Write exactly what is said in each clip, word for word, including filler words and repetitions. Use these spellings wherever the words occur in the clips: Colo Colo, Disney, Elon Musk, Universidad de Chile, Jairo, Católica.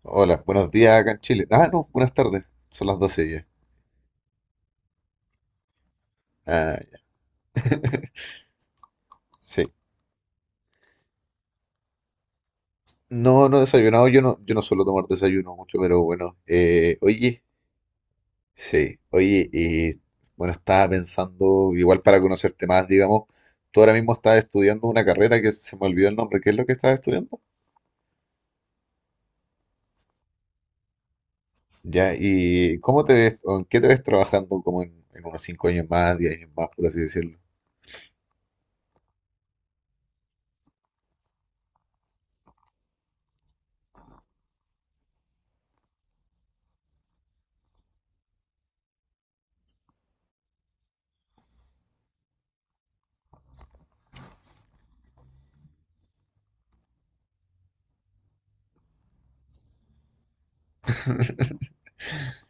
Hola, buenos días acá en Chile. Ah, no, buenas tardes. Son las doce ya. Ah, ya, sí. No, no he desayunado. Yo no, yo no suelo tomar desayuno mucho, pero bueno. Eh, oye, sí. Oye, y bueno, estaba pensando, igual para conocerte más, digamos, tú ahora mismo estás estudiando una carrera que se me olvidó el nombre. ¿Qué es lo que estás estudiando? Ya, ¿y cómo te ves, o en qué te ves trabajando como en, en unos cinco años más, diez años más, por así decirlo?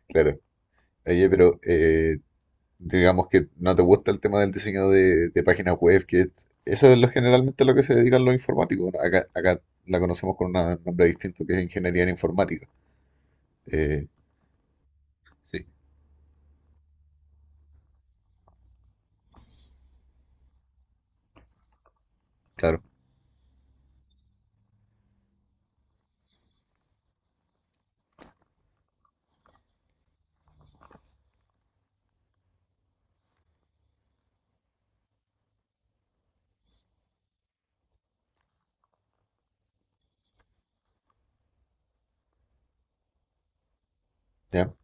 Claro. Oye, pero eh, digamos que no te gusta el tema del diseño de, de páginas web, que es- eso es lo generalmente a lo que se dedican los informáticos, ¿no? Acá, acá la conocemos con un nombre distinto que es ingeniería en informática. Eh, sí, claro, ya,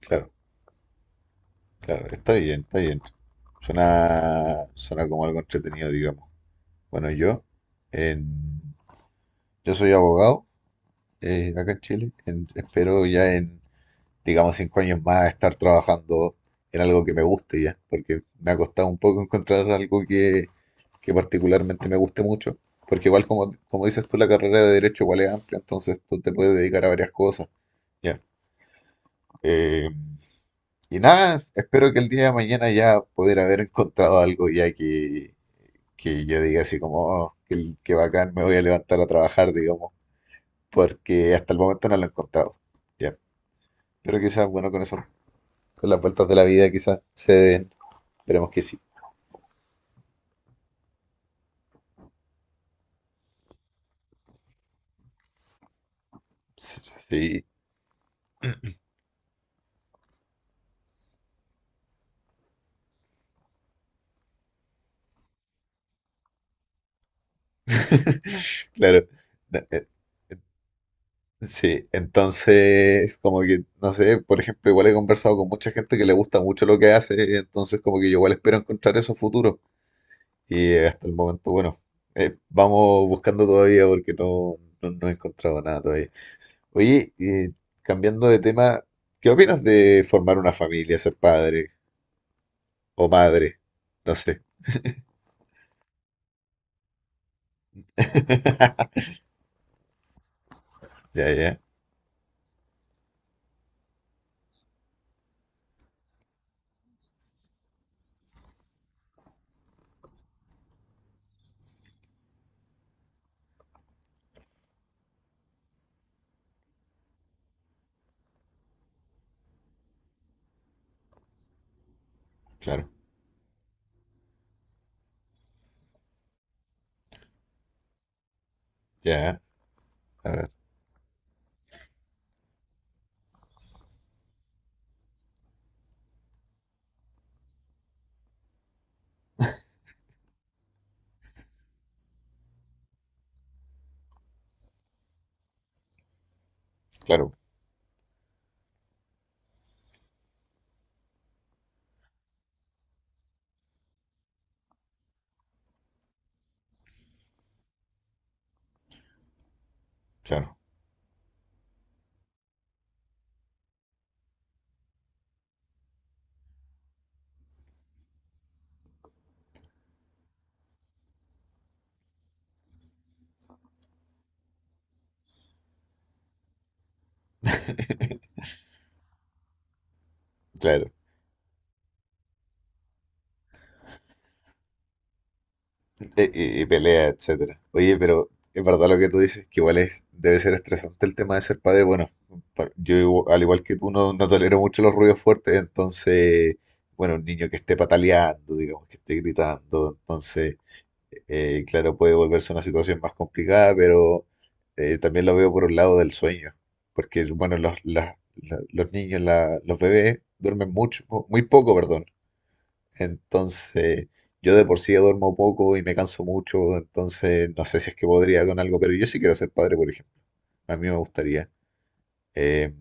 claro, claro, está bien, está bien. Suena, suena como algo entretenido, digamos. Bueno, yo, en- yo soy abogado, eh, acá en Chile, en- espero ya en, digamos, cinco años más estar trabajando en algo que me guste ya, porque me ha costado un poco encontrar algo que, que particularmente me guste mucho, porque igual como, como dices tú, la carrera de derecho igual es amplia, entonces tú te puedes dedicar a varias cosas, ya. Eh, y nada, espero que el día de mañana ya poder haber encontrado algo ya que, que yo diga así como, oh, qué, qué bacán, me voy a levantar a trabajar, digamos, porque hasta el momento no lo he encontrado, ya. Pero que seas bueno con eso, con las vueltas de la vida quizás se den. Esperemos que sí. Sí, sí, sí, claro. Eh, eh, sí, entonces como que, no sé, por ejemplo, igual he conversado con mucha gente que le gusta mucho lo que hace, entonces como que yo igual espero encontrar eso futuro. Y eh, hasta el momento, bueno, eh, vamos buscando todavía porque no, no, no he encontrado nada todavía. Oye, eh, cambiando de tema, ¿qué opinas de formar una familia, ser padre o madre? No sé. Ya, ya, claro, ya, a ver. Claro, claro, claro. E- Y, y pelea, etcétera. Oye, pero es verdad lo que tú dices, que igual es, debe ser estresante el tema de ser padre. Bueno, pa- yo igu- al igual que tú no, no tolero mucho los ruidos fuertes, entonces, bueno, un niño que esté pataleando, digamos, que esté gritando, entonces, eh, claro, puede volverse una situación más complicada, pero eh, también lo veo por un lado del sueño, porque, bueno, los, las- la- los niños, la- los bebés duermen mucho, muy poco, perdón. Entonces, yo de por sí duermo poco y me canso mucho, entonces no sé si es que podría con algo, pero yo sí quiero ser padre, por ejemplo. A mí me gustaría. Eh,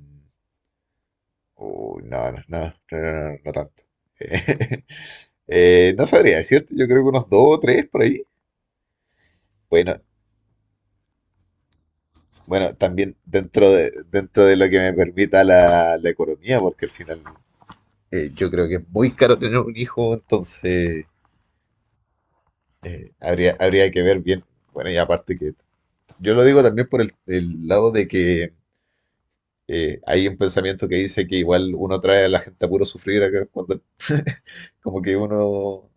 uy, no, no, no, no, no, no, no tanto. Eh, no sabría decirte, yo creo que unos dos o tres por ahí. Bueno, bueno, también dentro de, dentro de lo que me permita la, la economía, porque al final eh, yo creo que es muy caro tener un hijo, entonces eh, habría, habría que ver bien. Bueno, y aparte que yo lo digo también por el, el lado de que eh, hay un pensamiento que dice que igual uno trae a la gente a puro sufrir acá cuando como que uno...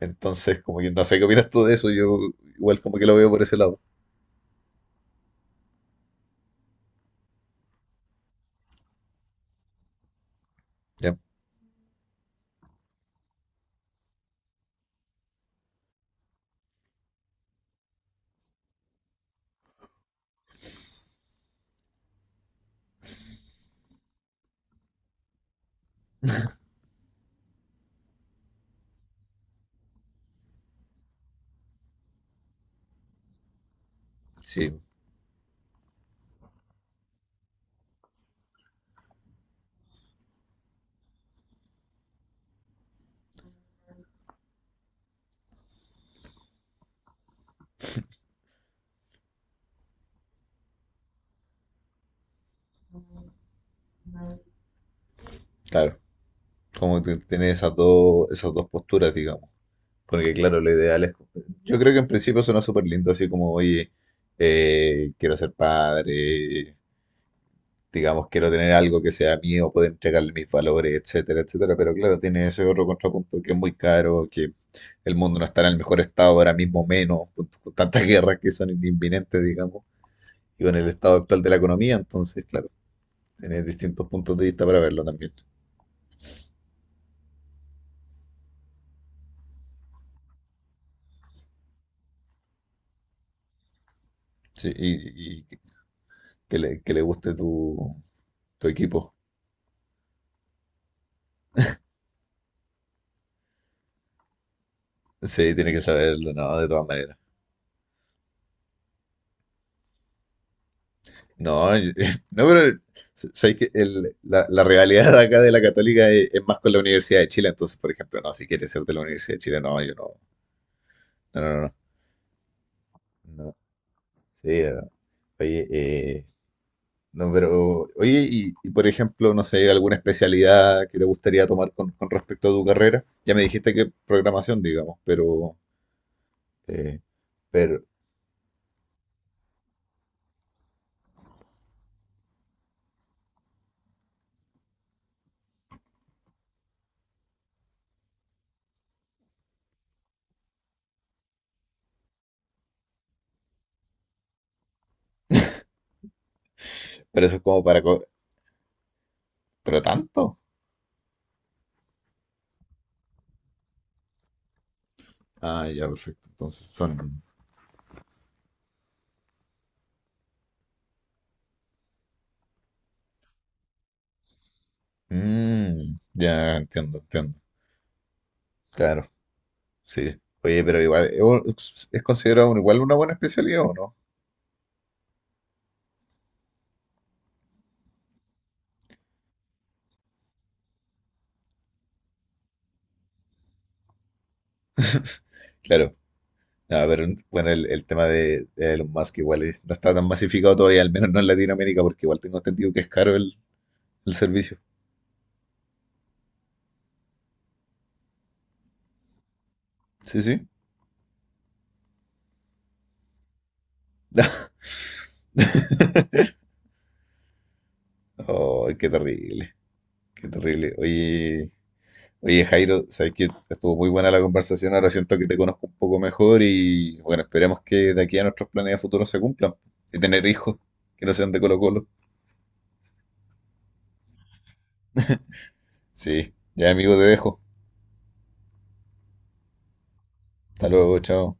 Entonces, como que no sé qué opinas tú de eso, yo igual como que lo veo por ese lado. Ya, sí, claro. Como que tiene esas dos, esas dos posturas, digamos. Porque claro, lo ideal es... Yo creo que en principio suena súper lindo, así como, oye, eh, quiero ser padre, digamos, quiero tener algo que sea mío, poder entregarle mis valores, etcétera, etcétera. Pero claro, tiene ese otro contrapunto que es muy caro, que el mundo no está en el mejor estado ahora mismo, menos, con, con tantas guerras que son inminentes, digamos, y con el estado actual de la economía. Entonces, claro, tiene distintos puntos de vista para verlo también. Sí, y, y que le, que le guste tu, tu equipo. Sí, tiene que saberlo, ¿no? De todas maneras. No, yo- no, pero sabéis que el- la, la realidad acá de la Católica es, es más con la Universidad de Chile, entonces, por ejemplo, no, si quieres ser de la Universidad de Chile, no, yo no, no, no, no, no, sí, no. Oye, eh, no, pero, oye, y, y, por ejemplo, no sé, alguna especialidad que te gustaría tomar con, con respecto a tu carrera, ya me dijiste que programación, digamos, pero, eh, pero, pero eso es como para, co- pero tanto, ah, ya, perfecto, entonces son, Mm, ya entiendo, entiendo. Claro. Sí. Oye, pero igual, ¿es un- es considerado un- igual una buena especialidad o no? Claro. No, pero bueno, el, el tema de, de Elon Musk igual es- no está tan masificado todavía, al menos no en Latinoamérica, porque igual tengo entendido que es caro el, el servicio. Sí, sí. Oh, qué terrible, qué terrible. Oye, oye, Jairo, sabes que estuvo muy buena la conversación, ahora siento que te conozco un poco mejor y bueno, esperemos que de aquí a nuestros planes de futuro se cumplan. De tener hijos que no sean de Colo Colo. Sí, ya amigo, te dejo. Hasta luego, chao.